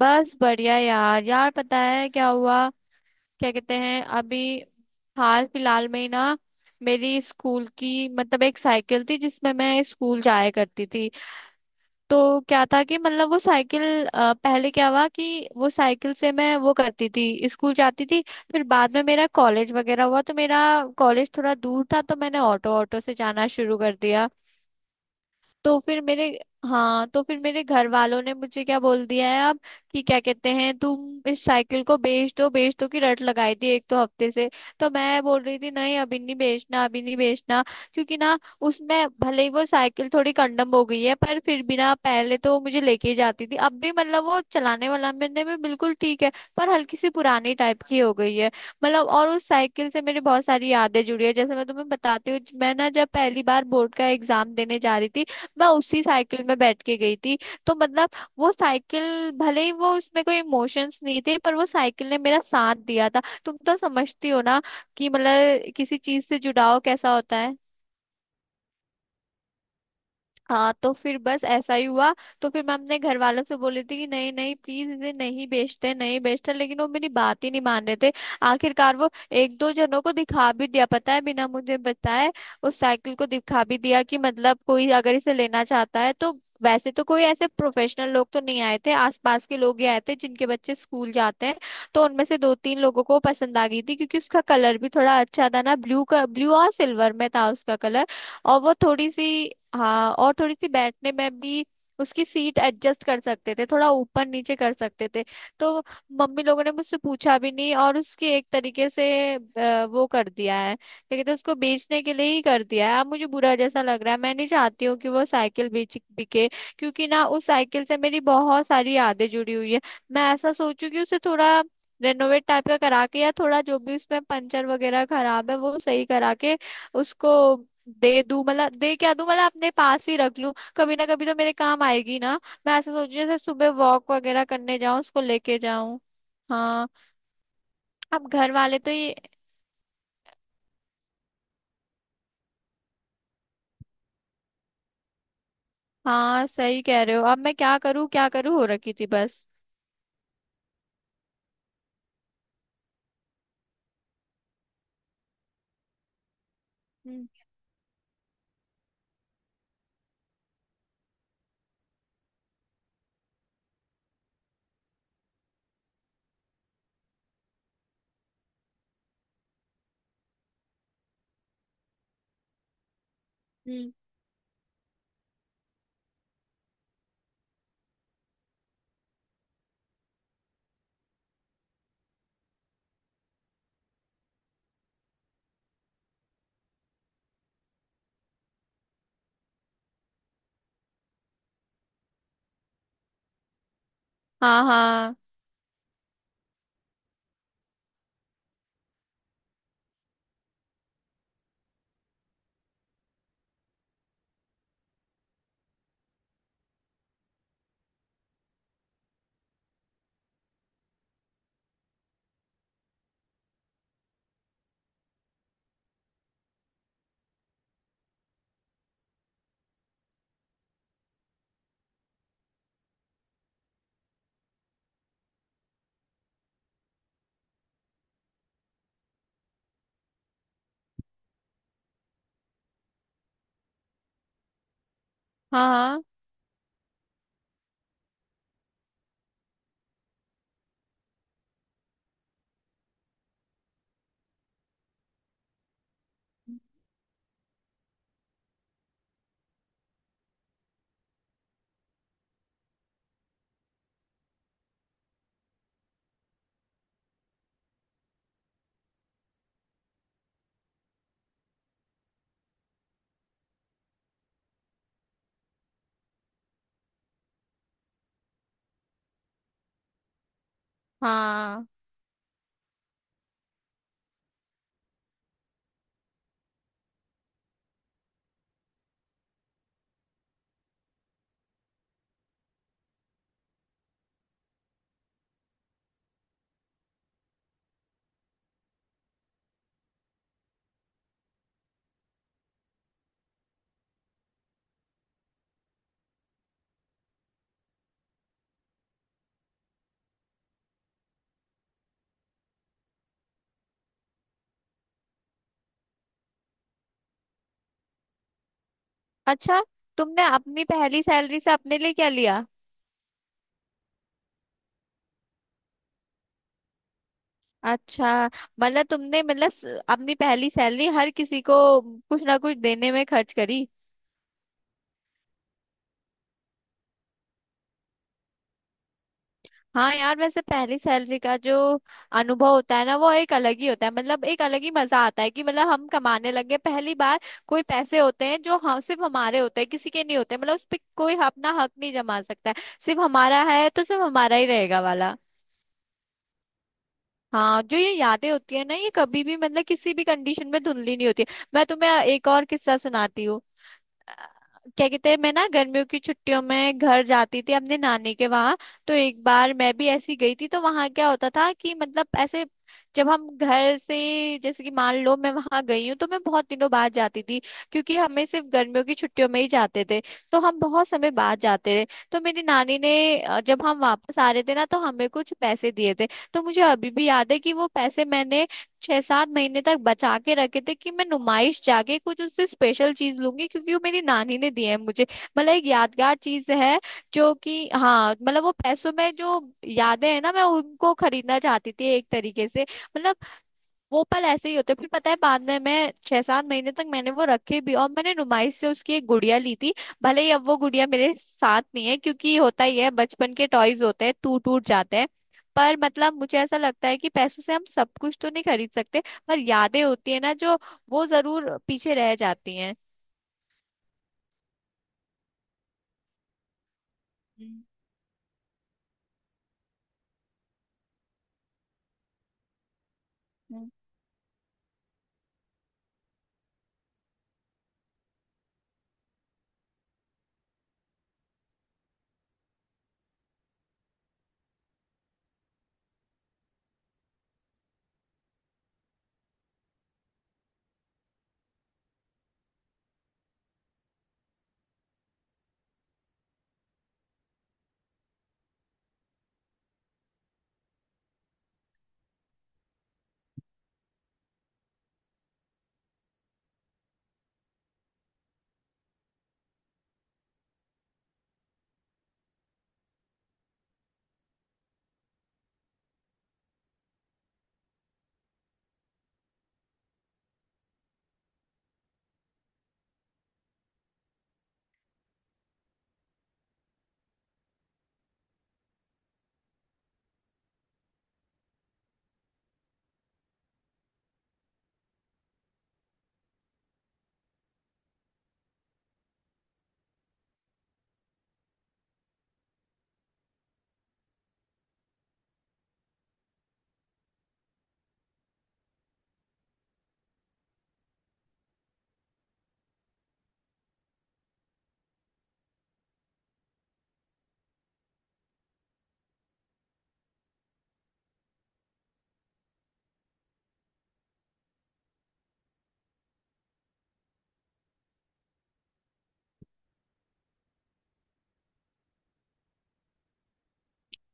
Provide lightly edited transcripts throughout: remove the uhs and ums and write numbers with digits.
बस बढ़िया यार यार। पता है क्या हुआ? क्या कहते हैं अभी, हाल फिलहाल में ही ना, मेरी स्कूल की मतलब एक साइकिल थी जिसमें मैं स्कूल जाया करती थी। तो क्या था कि मतलब वो साइकिल पहले क्या हुआ कि वो साइकिल से मैं वो करती थी स्कूल जाती थी। फिर बाद में मेरा कॉलेज वगैरह हुआ तो मेरा कॉलेज थोड़ा दूर था तो मैंने ऑटो ऑटो से जाना शुरू कर दिया। तो फिर मेरे, हाँ तो फिर मेरे घर वालों ने मुझे क्या बोल दिया है अब कि क्या कहते हैं तुम इस साइकिल को बेच दो, बेच दो की रट लगाई थी एक तो हफ्ते से। तो मैं बोल रही थी नहीं अभी नहीं बेचना, अभी नहीं बेचना। क्योंकि ना उसमें भले ही वो साइकिल थोड़ी कंडम हो गई है पर फिर भी ना पहले तो वो मुझे लेके ही जाती थी, अब भी मतलब वो चलाने वाला मैंने में बिल्कुल ठीक है। पर हल्की सी पुरानी टाइप की हो गई है। मतलब और उस साइकिल से मेरी बहुत सारी यादें जुड़ी है, जैसे मैं तुम्हें बताती हूँ, मैं ना जब पहली बार बोर्ड का एग्जाम देने जा रही थी मैं उसी साइकिल में बैठ के गई थी। तो मतलब वो साइकिल भले ही वो उसमें कोई इमोशंस नहीं थे पर वो साइकिल ने मेरा साथ दिया था। तुम तो समझती हो ना कि मतलब किसी चीज से जुड़ाव कैसा होता है। हाँ तो फिर बस ऐसा ही हुआ। तो फिर मैं अपने घर वालों से बोली थी कि नहीं नहीं प्लीज इसे नहीं बेचते, नहीं बेचते, लेकिन वो मेरी बात ही नहीं मान रहे थे। आखिरकार वो एक दो जनों को दिखा भी दिया पता है, बिना मुझे बताए उस साइकिल को दिखा भी दिया कि मतलब कोई अगर इसे लेना चाहता है तो। वैसे तो कोई ऐसे प्रोफेशनल लोग तो नहीं आए थे, आसपास के लोग ही आए थे जिनके बच्चे स्कूल जाते हैं। तो उनमें से दो तीन लोगों को पसंद आ गई थी क्योंकि उसका कलर भी थोड़ा अच्छा था ना, ब्लू का, ब्लू और सिल्वर में था उसका कलर। और वो थोड़ी सी, हाँ और थोड़ी सी बैठने में भी उसकी सीट एडजस्ट कर सकते थे, थोड़ा ऊपर नीचे कर सकते थे। तो मम्मी लोगों ने मुझसे पूछा भी नहीं और उसकी एक तरीके से वो कर दिया है, क्या कहते हैं, उसको बेचने के लिए ही कर दिया है। अब मुझे बुरा जैसा लग रहा है, मैं नहीं चाहती हूँ कि वो साइकिल बेच बिके। क्योंकि ना उस साइकिल से मेरी बहुत सारी यादें जुड़ी हुई है। मैं ऐसा सोचू कि उसे थोड़ा रेनोवेट टाइप का करा के, या थोड़ा जो भी उसमें पंचर वगैरह खराब है वो सही करा के उसको दे दूं, मतलब दे क्या दूं मतलब अपने पास ही रख लूं, कभी ना कभी तो मेरे काम आएगी ना। मैं ऐसे सोच रही हूं, जैसे सुबह वॉक वगैरह करने जाऊं उसको लेके जाऊं। हाँ। अब घर वाले तो ये, हाँ सही कह रहे हो, अब मैं क्या करूँ हो रखी थी बस। हम्म। हम्म। हाँ। हाँ। हाँ। हाँ। हाँ। अच्छा, तुमने अपनी पहली सैलरी से अपने लिए क्या लिया? अच्छा। मतलब तुमने मतलब अपनी पहली सैलरी हर किसी को कुछ ना कुछ देने में खर्च करी। हाँ यार, वैसे पहली सैलरी का जो अनुभव होता है ना वो एक अलग ही होता है, मतलब एक अलग ही मजा आता है कि मतलब हम कमाने लगे पहली बार। कोई पैसे होते हैं जो हम सिर्फ हमारे होते हैं, किसी के नहीं होते, मतलब उस पर कोई अपना हक नहीं जमा सकता है, सिर्फ हमारा है तो सिर्फ हमारा ही रहेगा वाला। हाँ जो ये यादें होती है ना ये कभी भी मतलब किसी भी कंडीशन में धुंधली नहीं होती है। मैं तुम्हें एक और किस्सा सुनाती हूँ। क्या कहते हैं, मैं ना गर्मियों की छुट्टियों में घर जाती थी अपने नानी के वहां। तो एक बार मैं भी ऐसी गई थी तो वहां क्या होता था कि मतलब ऐसे जब हम घर से, जैसे कि मान लो मैं वहां गई हूँ तो मैं बहुत दिनों बाद जाती थी क्योंकि हमें सिर्फ गर्मियों की छुट्टियों में ही जाते थे, तो हम बहुत समय बाद जाते थे। तो मेरी नानी ने जब हम वापस आ रहे थे ना तो हमें कुछ पैसे दिए थे। तो मुझे अभी भी याद है कि वो पैसे मैंने 6 7 महीने तक बचा के रखे थे कि मैं नुमाइश जाके कुछ उससे स्पेशल चीज लूंगी, क्योंकि वो मेरी नानी ने दिए हैं मुझे, मतलब एक यादगार चीज है। जो कि हाँ मतलब वो पैसों में जो यादें हैं ना मैं उनको खरीदना चाहती थी एक तरीके से, मतलब वो पल ऐसे ही होते। फिर पता है बाद में मैं 6 7 महीने तक मैंने वो रखे भी और मैंने नुमाइश से उसकी एक गुड़िया ली थी। भले ही अब वो गुड़िया मेरे साथ नहीं है, क्योंकि होता ही है, बचपन के टॉयज होते हैं टूट टूट जाते हैं। पर मतलब मुझे ऐसा लगता है कि पैसों से हम सब कुछ तो नहीं खरीद सकते, पर यादें होती है ना जो वो जरूर पीछे रह जाती हैं। हम्म।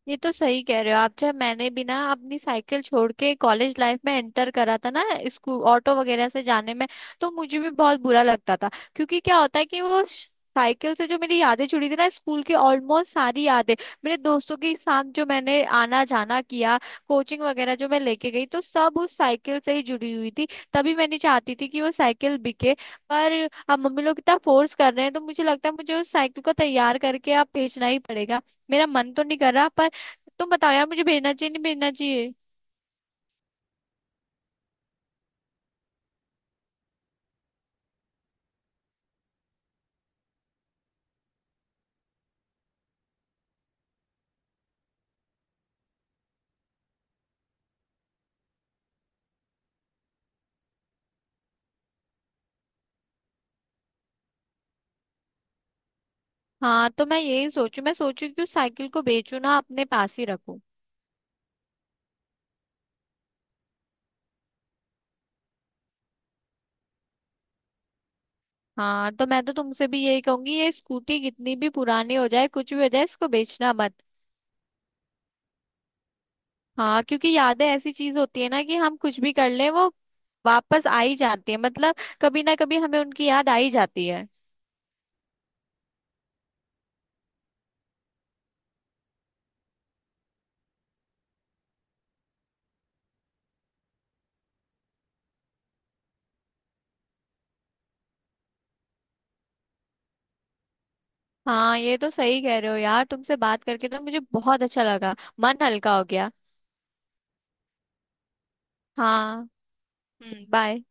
ये तो सही कह रहे हो आप, जब मैंने भी ना अपनी साइकिल छोड़ के कॉलेज लाइफ में एंटर करा था ना, स्कूल ऑटो वगैरह से जाने में तो मुझे भी बहुत बुरा लगता था। क्योंकि क्या होता है कि वो साइकिल से जो मेरी यादें जुड़ी थी ना स्कूल की ऑलमोस्ट सारी यादें, मेरे दोस्तों के साथ जो मैंने आना जाना किया, कोचिंग वगैरह जो मैं लेके गई तो सब उस साइकिल से ही जुड़ी हुई थी। तभी मैंने चाहती थी कि वो साइकिल बिके। पर अब मम्मी लोग इतना फोर्स कर रहे हैं तो मुझे लगता है मुझे उस साइकिल को तैयार करके अब बेचना ही पड़ेगा। मेरा मन तो नहीं कर रहा, पर तुम बताओ यार मुझे भेजना चाहिए नहीं भेजना चाहिए। हाँ तो मैं यही सोचू मैं सोचू कि उस साइकिल को बेचू ना अपने पास ही रखूं। हाँ तो मैं तो तुमसे भी यही कहूंगी ये स्कूटी कितनी भी पुरानी हो जाए कुछ भी हो जाए इसको बेचना मत। हाँ क्योंकि यादें ऐसी चीज होती है ना कि हम कुछ भी कर लें वो वापस आ ही जाती है, मतलब कभी ना कभी हमें उनकी याद आ ही जाती है। हाँ ये तो सही कह रहे हो यार, तुमसे बात करके तो मुझे बहुत अच्छा लगा, मन हल्का हो गया। हाँ। हम्म। बाय।